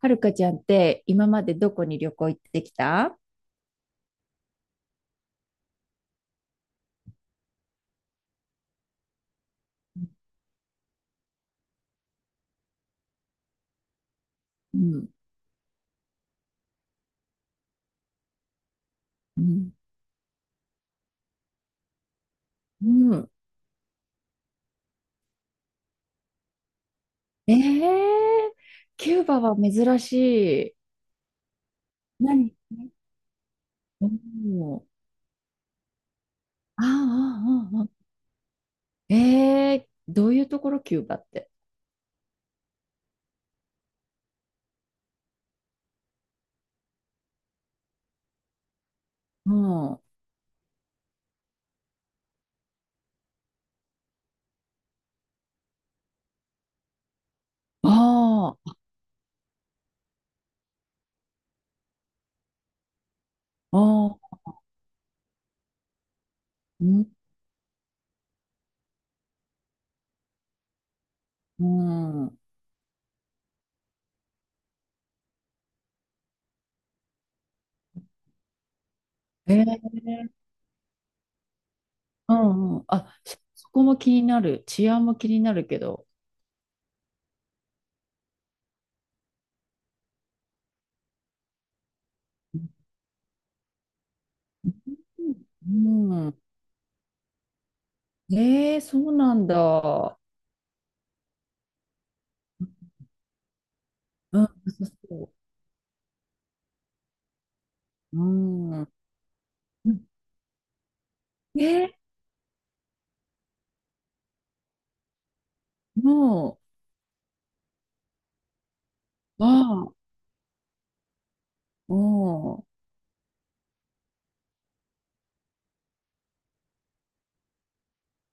はるかちゃんって今までどこに旅行行ってきた？うん、うん、うん。ええ、キューバは珍しい。何？お、お、ああ、ああ、ああ。ええ、どういうところキューバって？うん。ああ、ああ、うん、うん。ええ、うんうん。あ、そこも気になる。治安も気になるけど。うん。うん、ええ、そうなんだ。うん、そうそう、うん。うん、ね、もう、ああ、も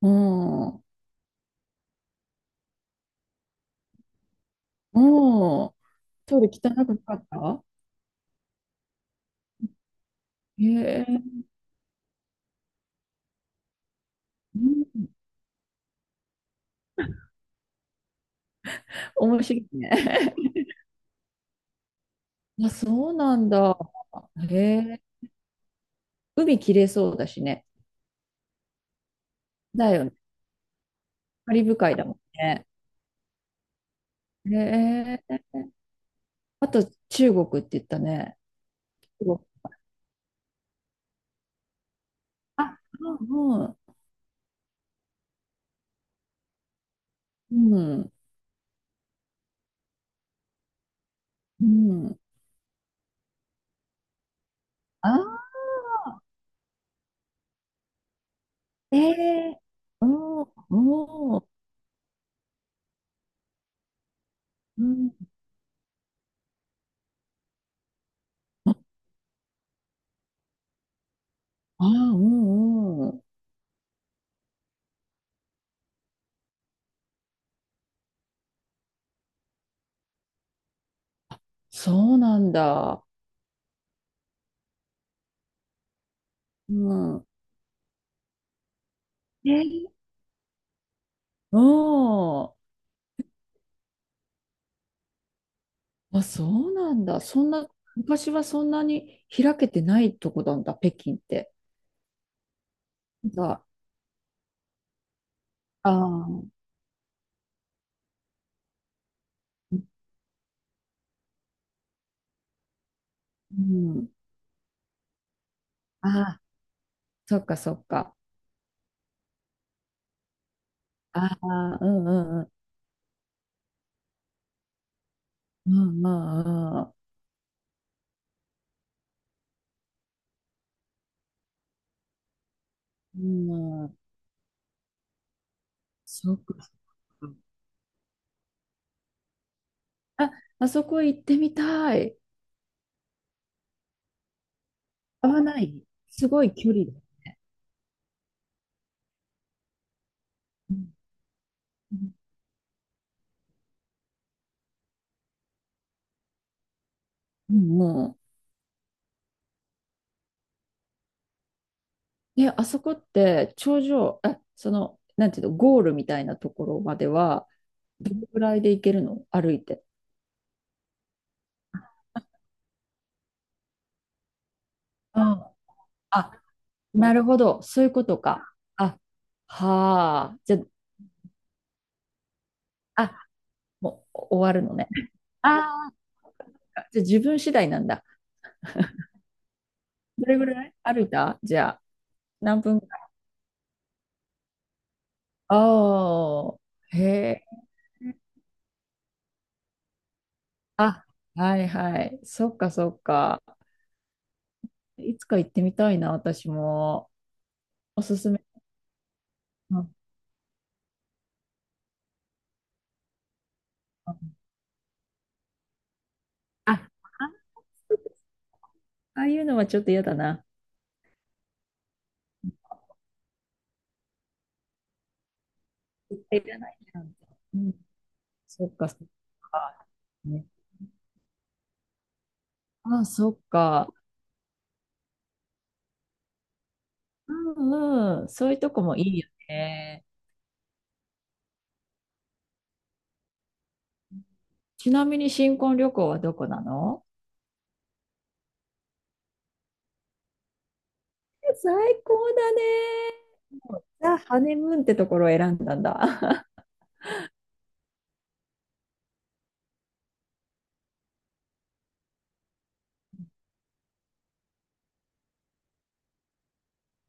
う、もう、もう、トイレ汚くなかった？へえ、うん、面白いね。あ、そうなんだ。へえ、海きれいそうだしね。だよね。カリブ海だもんね。へえ、あと中国って言ったね。中国。あ、うん、うん、うん。うん、あー、ええ、うん、うん、うん、あー、うん、うん。そうなんだ。うん。え、うん、あ、そうなんだ。そんな、昔はそんなに開けてないとこなんだ、北京って。なんか、ああ、うん。ああ、そっかそっか。ああ、うんうんうん。うんうんうん。うん、そっか。あ、あそこ行ってみたい。合わない。すごい距離だ。うんうんうん、ね、あそこって頂上、え、その、なんていうの、ゴールみたいなところまでは、どのぐらいで行けるの歩いて？あ、あ、なるほど。そういうことか。あ、はあ。じゃあ、あ、もう終わるのね。ああ、じゃあ自分次第なんだ。どれぐらい歩いたじゃあ、何分ぐらい？ああ、へえ。あ、はいはい。そっかそっか。いつか行ってみたいな、私も。おすすめ？うんうん、あ、ああいうのはちょっと嫌だな。絶対いらないな。うん。そっか、そっか。ね、ああ、そっか。うんうん。そういうとこもいいよね。ちなみに新婚旅行はどこなの？え、最高だね。もうザ・ハネムーンってところを選んだんだ。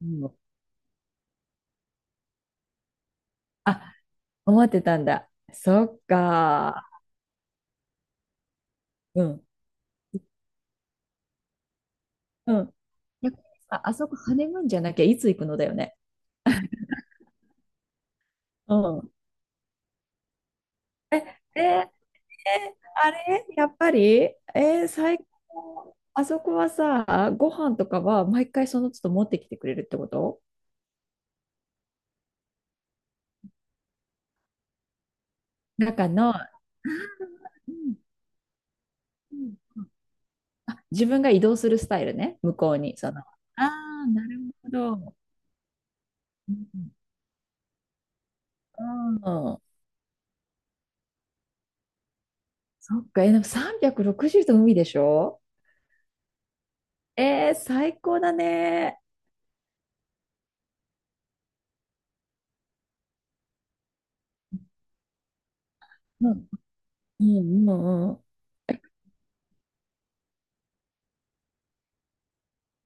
うん。あ、思ってたんだ。そっか。うん。うん。逆にさ、あそこハネムーンじゃなきゃいつ行くのだよね。うん。え、あれやっぱり、えー最高。あそこはさ、ご飯とかは毎回その都度持ってきてくれるってこと？中の、うんうんうん、あ、自分が移動するスタイルね、向こうに。その、ああ、なるほど。うん、うん、そっか、え、でも360度海でしょ？えー、最高だね。うん、うん、うん、うん。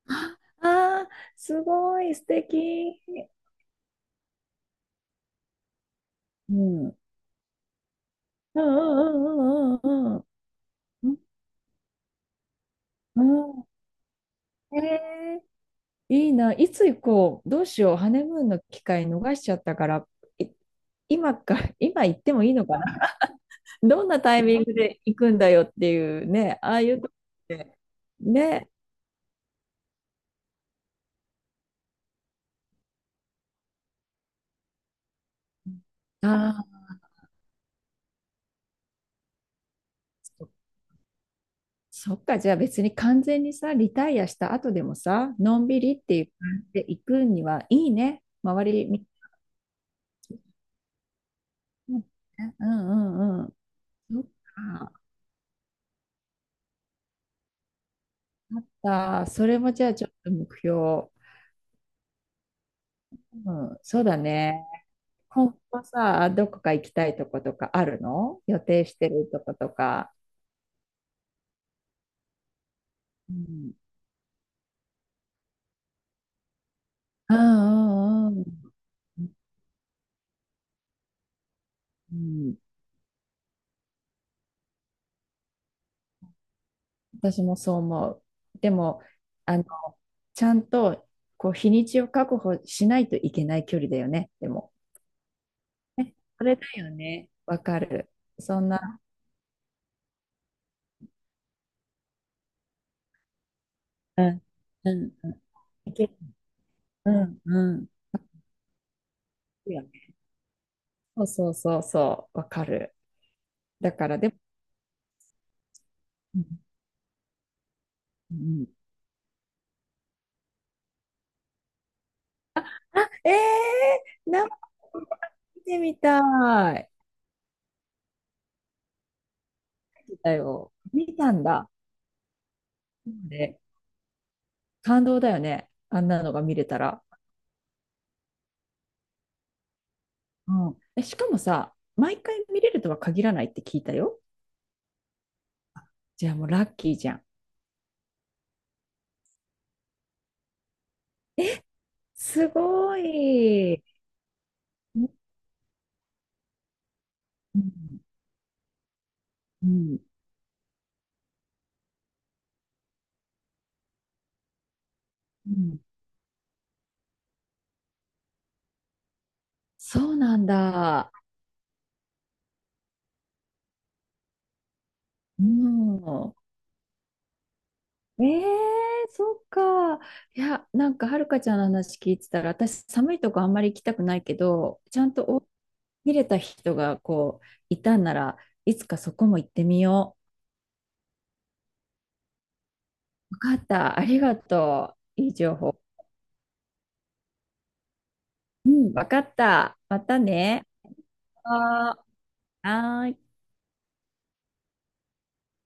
ああー、すごい、素敵。うん、うん、うん、うん、うん、うん。うんうん。えー、いいな。いつ行こう。どうしよう。ハネムーンの機会逃しちゃったから、い今か、今行ってもいいのかな。どんなタイミングで行くんだよっていうね、ああいうとこってね。ああ、そそっか。じゃあ別に完全にさ、リタイアした後でもさ、のんびりっていう感じで行くにはいいね。周り見、うんうんうん。そっか。あった。それもじゃあちょっと目標。うん、そうだね。今後さ、どこか行きたいとことかあるの、予定してるとことか？うん。うんうんうん。うん、私もそう思う。でも、あの、ちゃんと、こう、日にちを確保しないといけない距離だよね。でも、それだよね。わかる。そんな、うん、うん、うん。いける。うん、うん。いいよね。そうそうそうそう、わかる。だから、でも、うん、うん、ええー、なんか見てみたい。だよ。見たんだ。で、感動だよね、あんなのが見れたら。うん。え、しかもさ、毎回見れるとは限らないって聞いたよ。じゃあもうラッキーじゃん。すごい。うん。うん。うん、そうなんだ。うん。ええ、そっか。いや、なんかはるかちゃんの話聞いてたら、私寒いとこあんまり行きたくないけど、ちゃんとお見れた人がこういたんならいつかそこも行ってみよう。わかった。ありがとう。いい情報。うん、わかった。またね。あー、はーい。